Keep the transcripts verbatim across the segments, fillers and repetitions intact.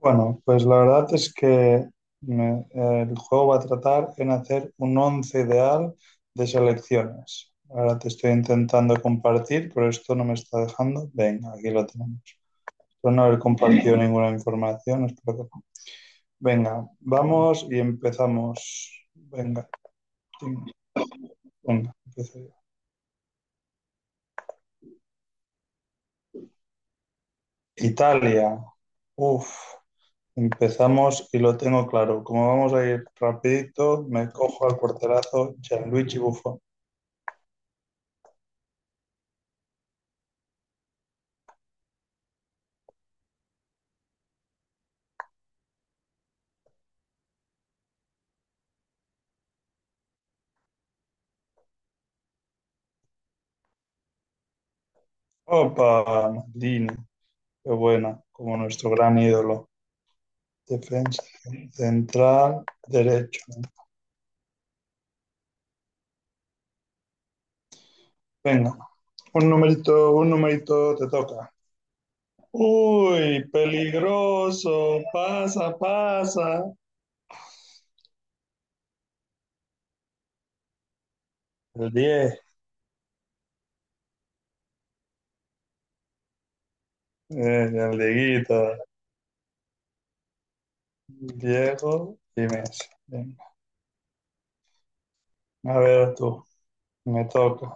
Bueno, pues la verdad es que me- eh, el juego va a tratar en hacer un once ideal de selecciones. Ahora te estoy intentando compartir, pero esto no me está dejando. Venga, aquí lo tenemos. Espero no haber compartido ninguna información, espero que no. Venga, vamos y empezamos. Venga, ting, venga, empiezo yo. Italia. Uf, empezamos y lo tengo claro. Como vamos a ir rapidito, me cojo al porterazo Gianluigi Buffon. Opa, Maldini, qué buena, como nuestro gran ídolo. Defensa central, derecho, ¿no? Venga, un numerito, un numerito te toca. Uy, peligroso, pasa, pasa. El diez, eh, el Dieguito, Diego y Messi. Venga, a ver tú, me toca.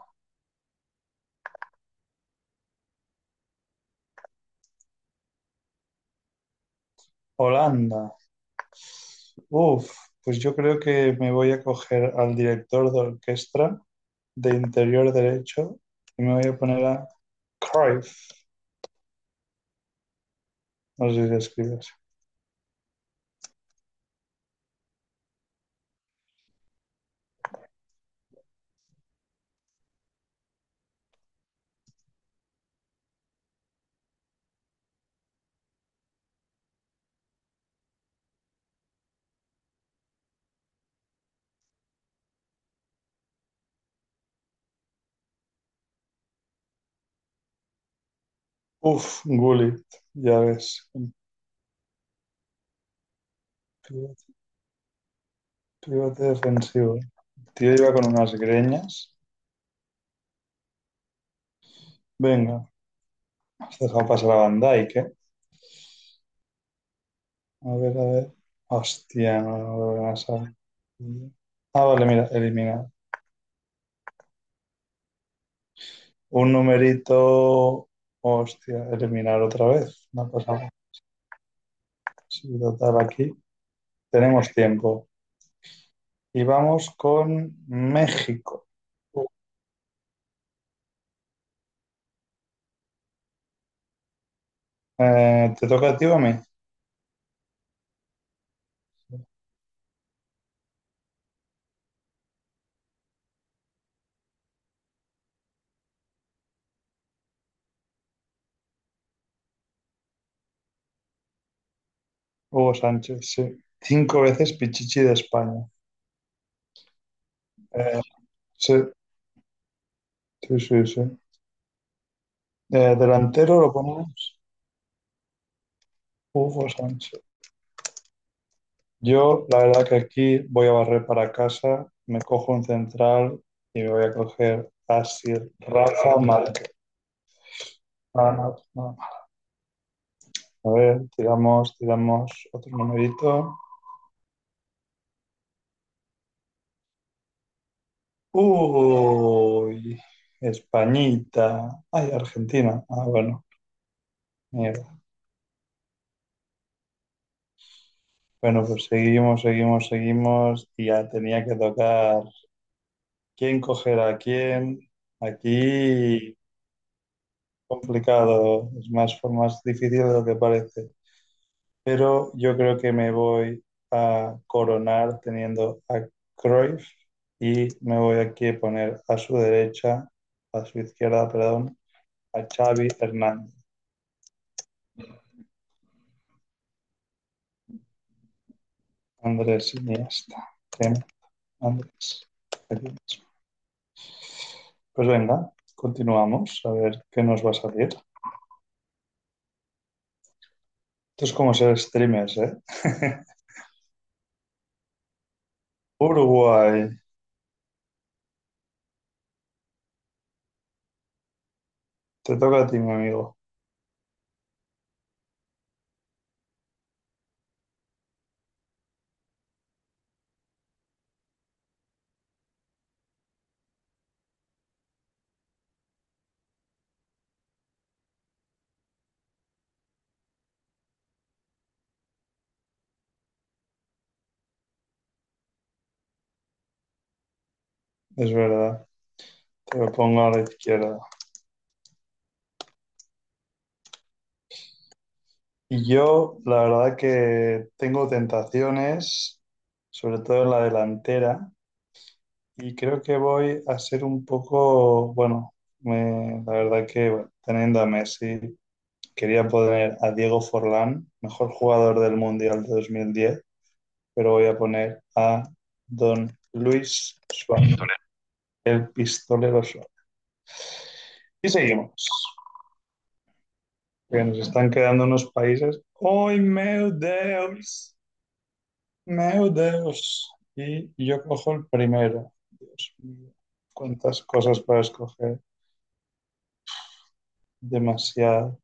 Holanda, uf, pues yo creo que me voy a coger al director de orquesta de interior derecho y me voy a poner a Cruyff. No sé si se escribe así. Uf, Gullit, ya ves. pivote- defensivo. El tío iba con unas greñas. Venga, has dejado pasar a Van Dijk, ¿eh? A ver, a ver. Hostia, no, no lo van a saber. Ah, vale, mira, eliminar. Un numerito. Hostia, eliminar otra vez. No pasa nada. Sí, total, aquí tenemos tiempo. Y vamos con México. Eh, te toca a ti o a mí. Hugo Sánchez, sí. Cinco veces Pichichi de España. Eh, sí, sí, sí, sí. Eh, delantero lo ponemos, Hugo Sánchez. Yo, la verdad que aquí voy a barrer para casa, me cojo un central y me voy a coger así Rafa Márquez. Ah, no, no. A ver, tiramos, tiramos otro numerito. Uy, Españita. Ay, Argentina. Ah, bueno. Mira, bueno, pues seguimos, seguimos, seguimos. Y ya tenía que tocar quién coger a quién. Aquí complicado, es más, fue más difícil de lo que parece. Pero yo creo que me voy a coronar teniendo a Cruyff y me voy aquí a poner a su derecha, a su izquierda, perdón, a Xavi Hernández. Andrés Iniesta. Bien, Andrés. Pues venga, continuamos a ver qué nos va a salir. Esto es como ser streamers, ¿eh? Uruguay, te toca a ti, mi amigo. Es verdad, te lo pongo a la izquierda. Y yo, la verdad que tengo tentaciones, sobre todo en la delantera, y creo que voy a ser un poco, bueno, me- la verdad que bueno, teniendo a Messi, quería poner a Diego Forlán, mejor jugador del Mundial de dos mil diez, pero voy a poner a Don Luis Suárez, el pistolero. Y seguimos. Que nos están quedando unos países. ¡Ay, meu Deus! ¡Meu Deus! Y yo cojo el primero. Dios mío, cuántas cosas para escoger. Demasiado.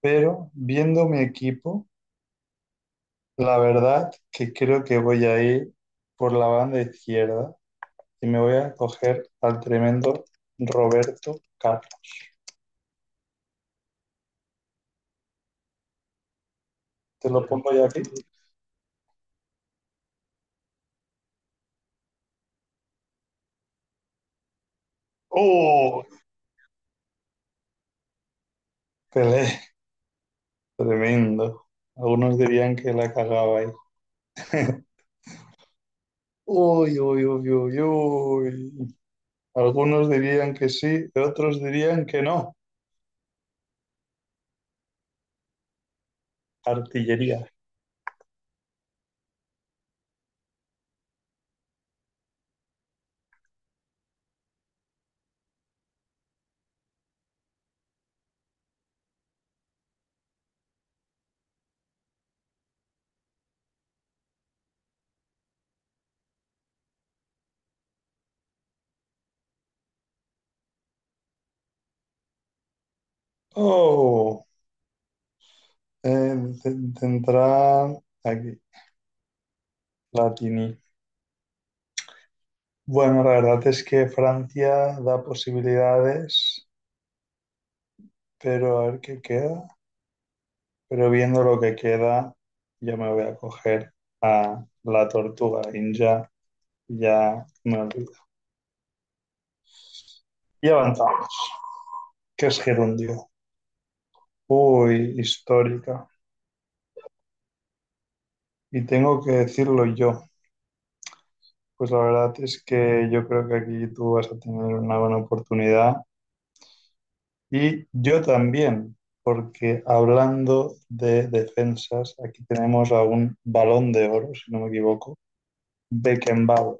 Pero viendo mi equipo, la verdad que creo que voy a ir por la banda izquierda y me voy a coger al tremendo Roberto Carlos. Te lo pongo ya aquí. ¡Oh! Pelé, tremendo. Algunos dirían que la cagaba ahí. Uy, uy, uy, uy, uy. Algunos dirían que sí, otros dirían que no. Artillería. Oh, eh, te- tendrá aquí, Latini. Bueno, la verdad es que Francia da posibilidades, pero a ver qué queda. Pero viendo lo que queda, yo me voy a coger a la tortuga ninja. Ya me olvido. Y avanzamos. ¿Qué es gerundio? Uy, histórica. Y tengo que decirlo yo. Pues la verdad es que yo creo que aquí tú vas a tener una buena oportunidad y yo también, porque hablando de defensas, aquí tenemos a un balón de oro, si no me equivoco, Beckenbauer.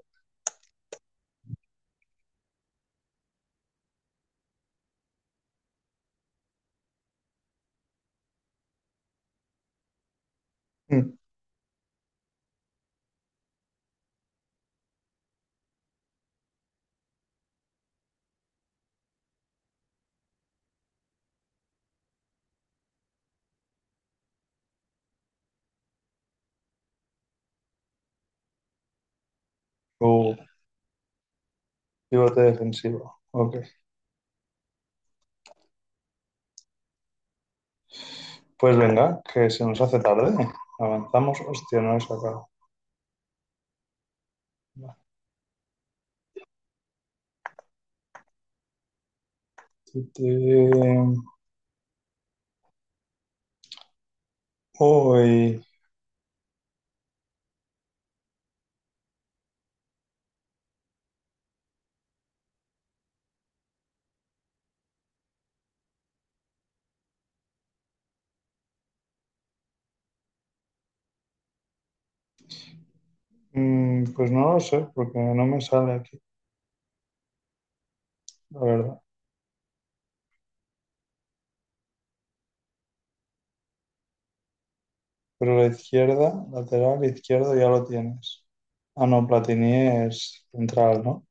Mm, tu pivote defensivo. Ok, pues venga, que se nos hace tarde. Avanzamos, hostia, no he sacado. Uy, mm, pues no lo sé, porque no me sale aquí, la verdad. Pero la izquierda, lateral, izquierdo ya lo tienes. Ah, no, Platini es central, ¿no?